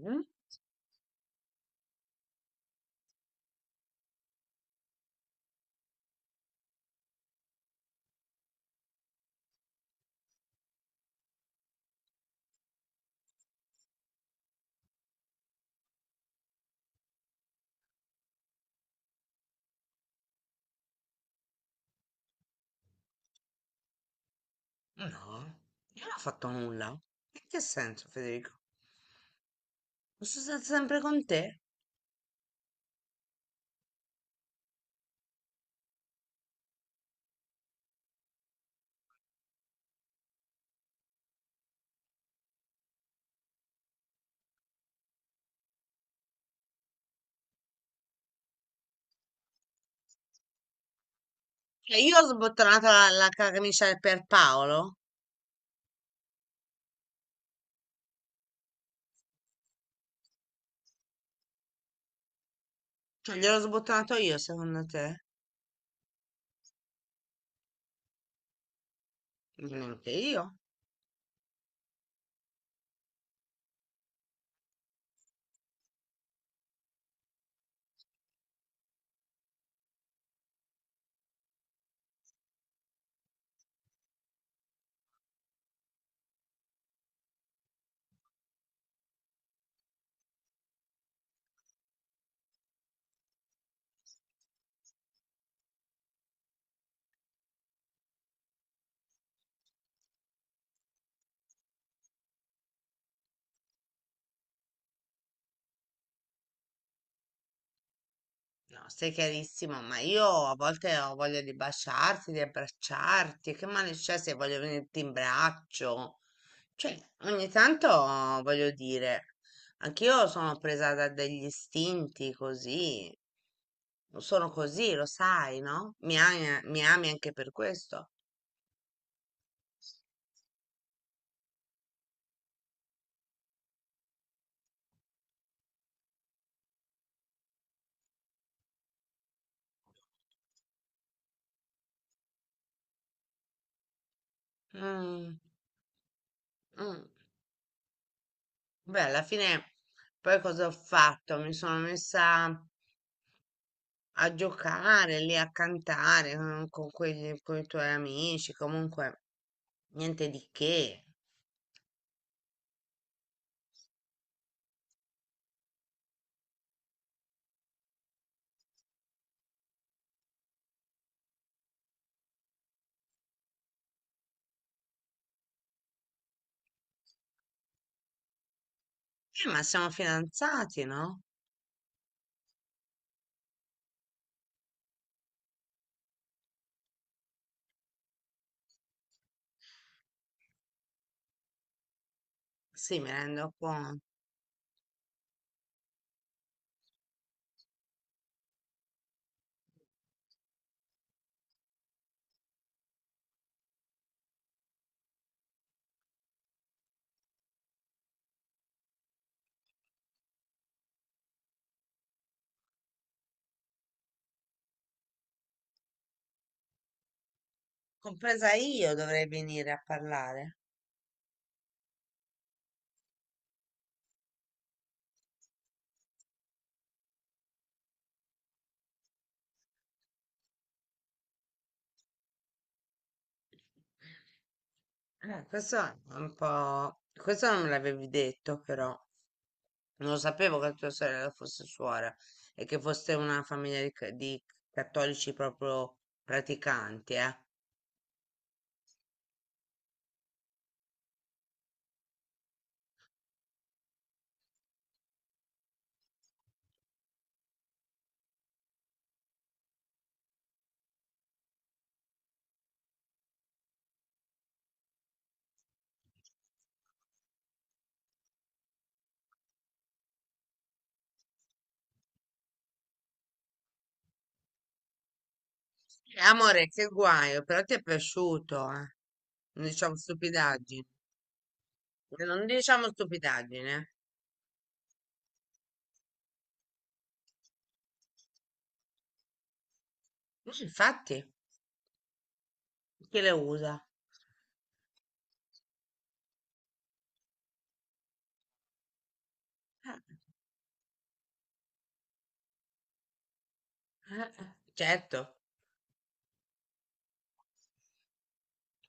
Mm? No, io non ho fatto nulla. In che senso, Federico? Sono stata sempre con te. Cioè, io ho sbottonato la camicia per Paolo? Cioè, gliel'ho sbottonato io, secondo te? Neanche io. No, stai chiarissimo, ma io a volte ho voglia di baciarti, di abbracciarti. Che male c'è se voglio venirti in braccio? Cioè, ogni tanto voglio dire, anch'io sono presa da degli istinti così. Sono così, lo sai, no? Mi ami anche per questo. Mm, mm. Beh, alla fine poi cosa ho fatto? Mi sono messa a giocare lì, a cantare con i tuoi amici, comunque niente di che. Ma siamo fidanzati, no? Sì, mi rendo conto. Compresa io dovrei venire a parlare. Questo è un po'. Questo non me l'avevi detto, però. Non lo sapevo che tua sorella fosse suora e che foste una famiglia di cattolici proprio praticanti, eh. Amore, che guaio, però ti è piaciuto, eh. Non diciamo stupidaggini. Non diciamo stupidaggini, eh. Mm, infatti, chi le usa? Certo,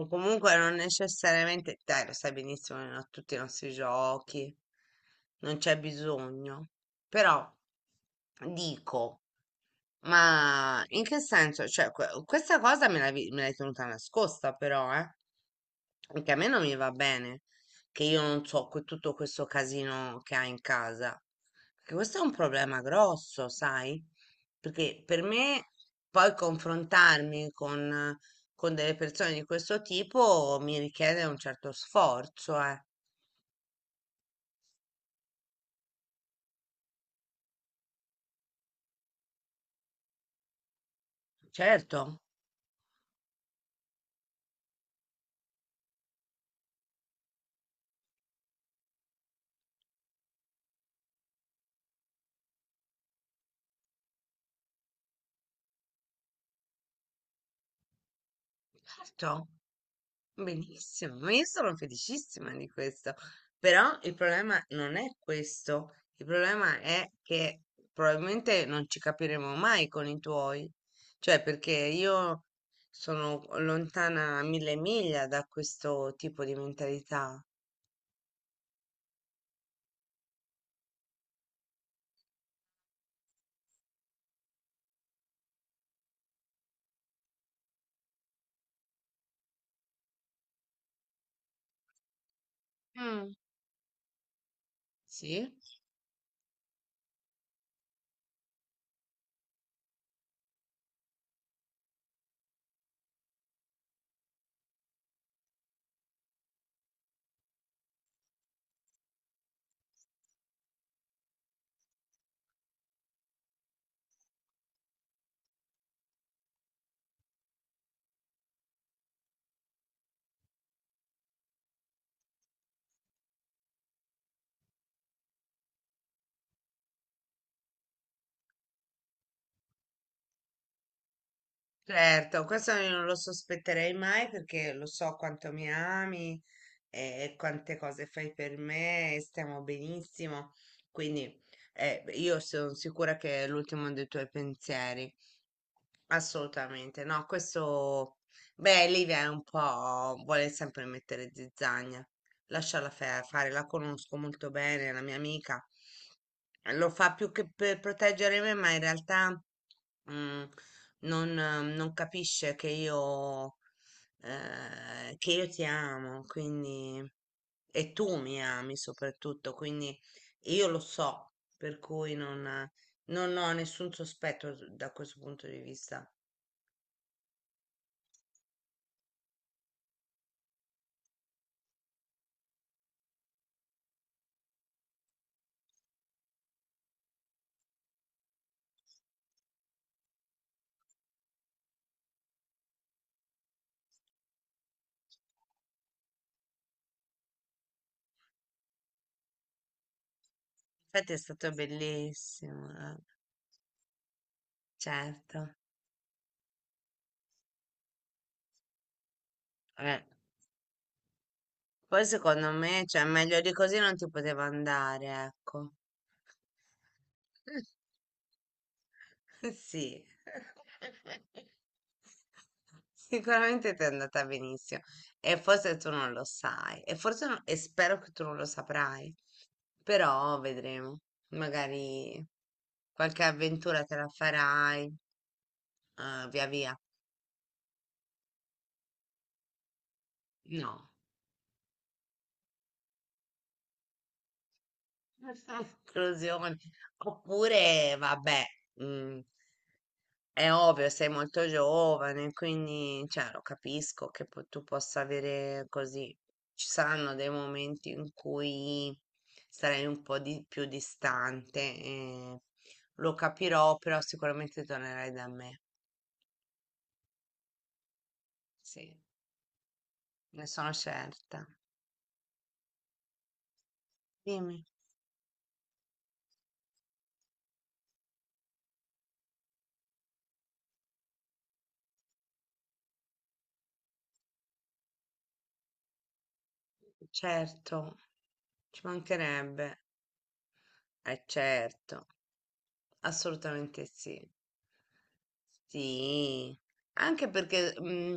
o comunque non necessariamente, dai, lo sai benissimo, a tutti i nostri giochi, non c'è bisogno, però dico. Ma in che senso? Cioè, questa cosa me l'hai tenuta nascosta però, eh? Anche a me non mi va bene che io non so tutto questo casino che hai in casa. Perché questo è un problema grosso, sai? Perché per me poi confrontarmi con delle persone di questo tipo mi richiede un certo sforzo, eh. Certo, certo. Benissimo, ma io sono felicissima di questo, però il problema non è questo, il problema è che probabilmente non ci capiremo mai con i tuoi, cioè perché io sono lontana mille miglia da questo tipo di mentalità. Mm. Sì, certo, questo io non lo sospetterei mai perché lo so quanto mi ami, quante cose fai per me, stiamo benissimo. Quindi, io sono sicura che è l'ultimo dei tuoi pensieri. Assolutamente, no, questo, beh, Livia è un po', vuole sempre mettere zizzagna, lasciala fare, la conosco molto bene, è una mia amica, lo fa più che per proteggere me, ma in realtà mm, non capisce che che io ti amo, quindi, e tu mi ami soprattutto, quindi io lo so, per cui non ho nessun sospetto da questo punto di vista. Infatti è stato bellissimo, certo. Eh, poi secondo me, cioè, meglio di così non ti poteva andare, ecco. Sì. Sicuramente ti è andata benissimo e forse tu non lo sai e forse e spero che tu non lo saprai, però vedremo. Magari qualche avventura te la farai, via via. No. Esclusione. Oppure, vabbè, mm, è ovvio, sei molto giovane, quindi cioè, lo capisco che tu possa avere così. Ci saranno dei momenti in cui sarai un po' più distante, e lo capirò, però sicuramente tornerai da me. Sì, ne sono certa. Dimmi. Certo, ci mancherebbe. Eh certo, assolutamente sì. Sì, anche perché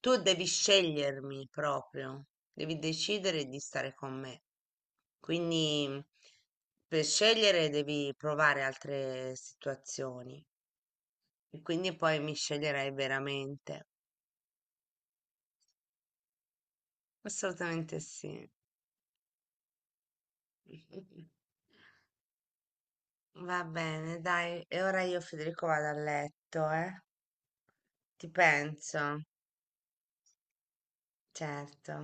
tu devi scegliermi proprio, devi decidere di stare con me. Quindi per scegliere devi provare altre situazioni e quindi poi mi sceglierai veramente. Assolutamente sì. Va bene, dai, e ora io Federico vado a letto, eh? Ti penso, certo.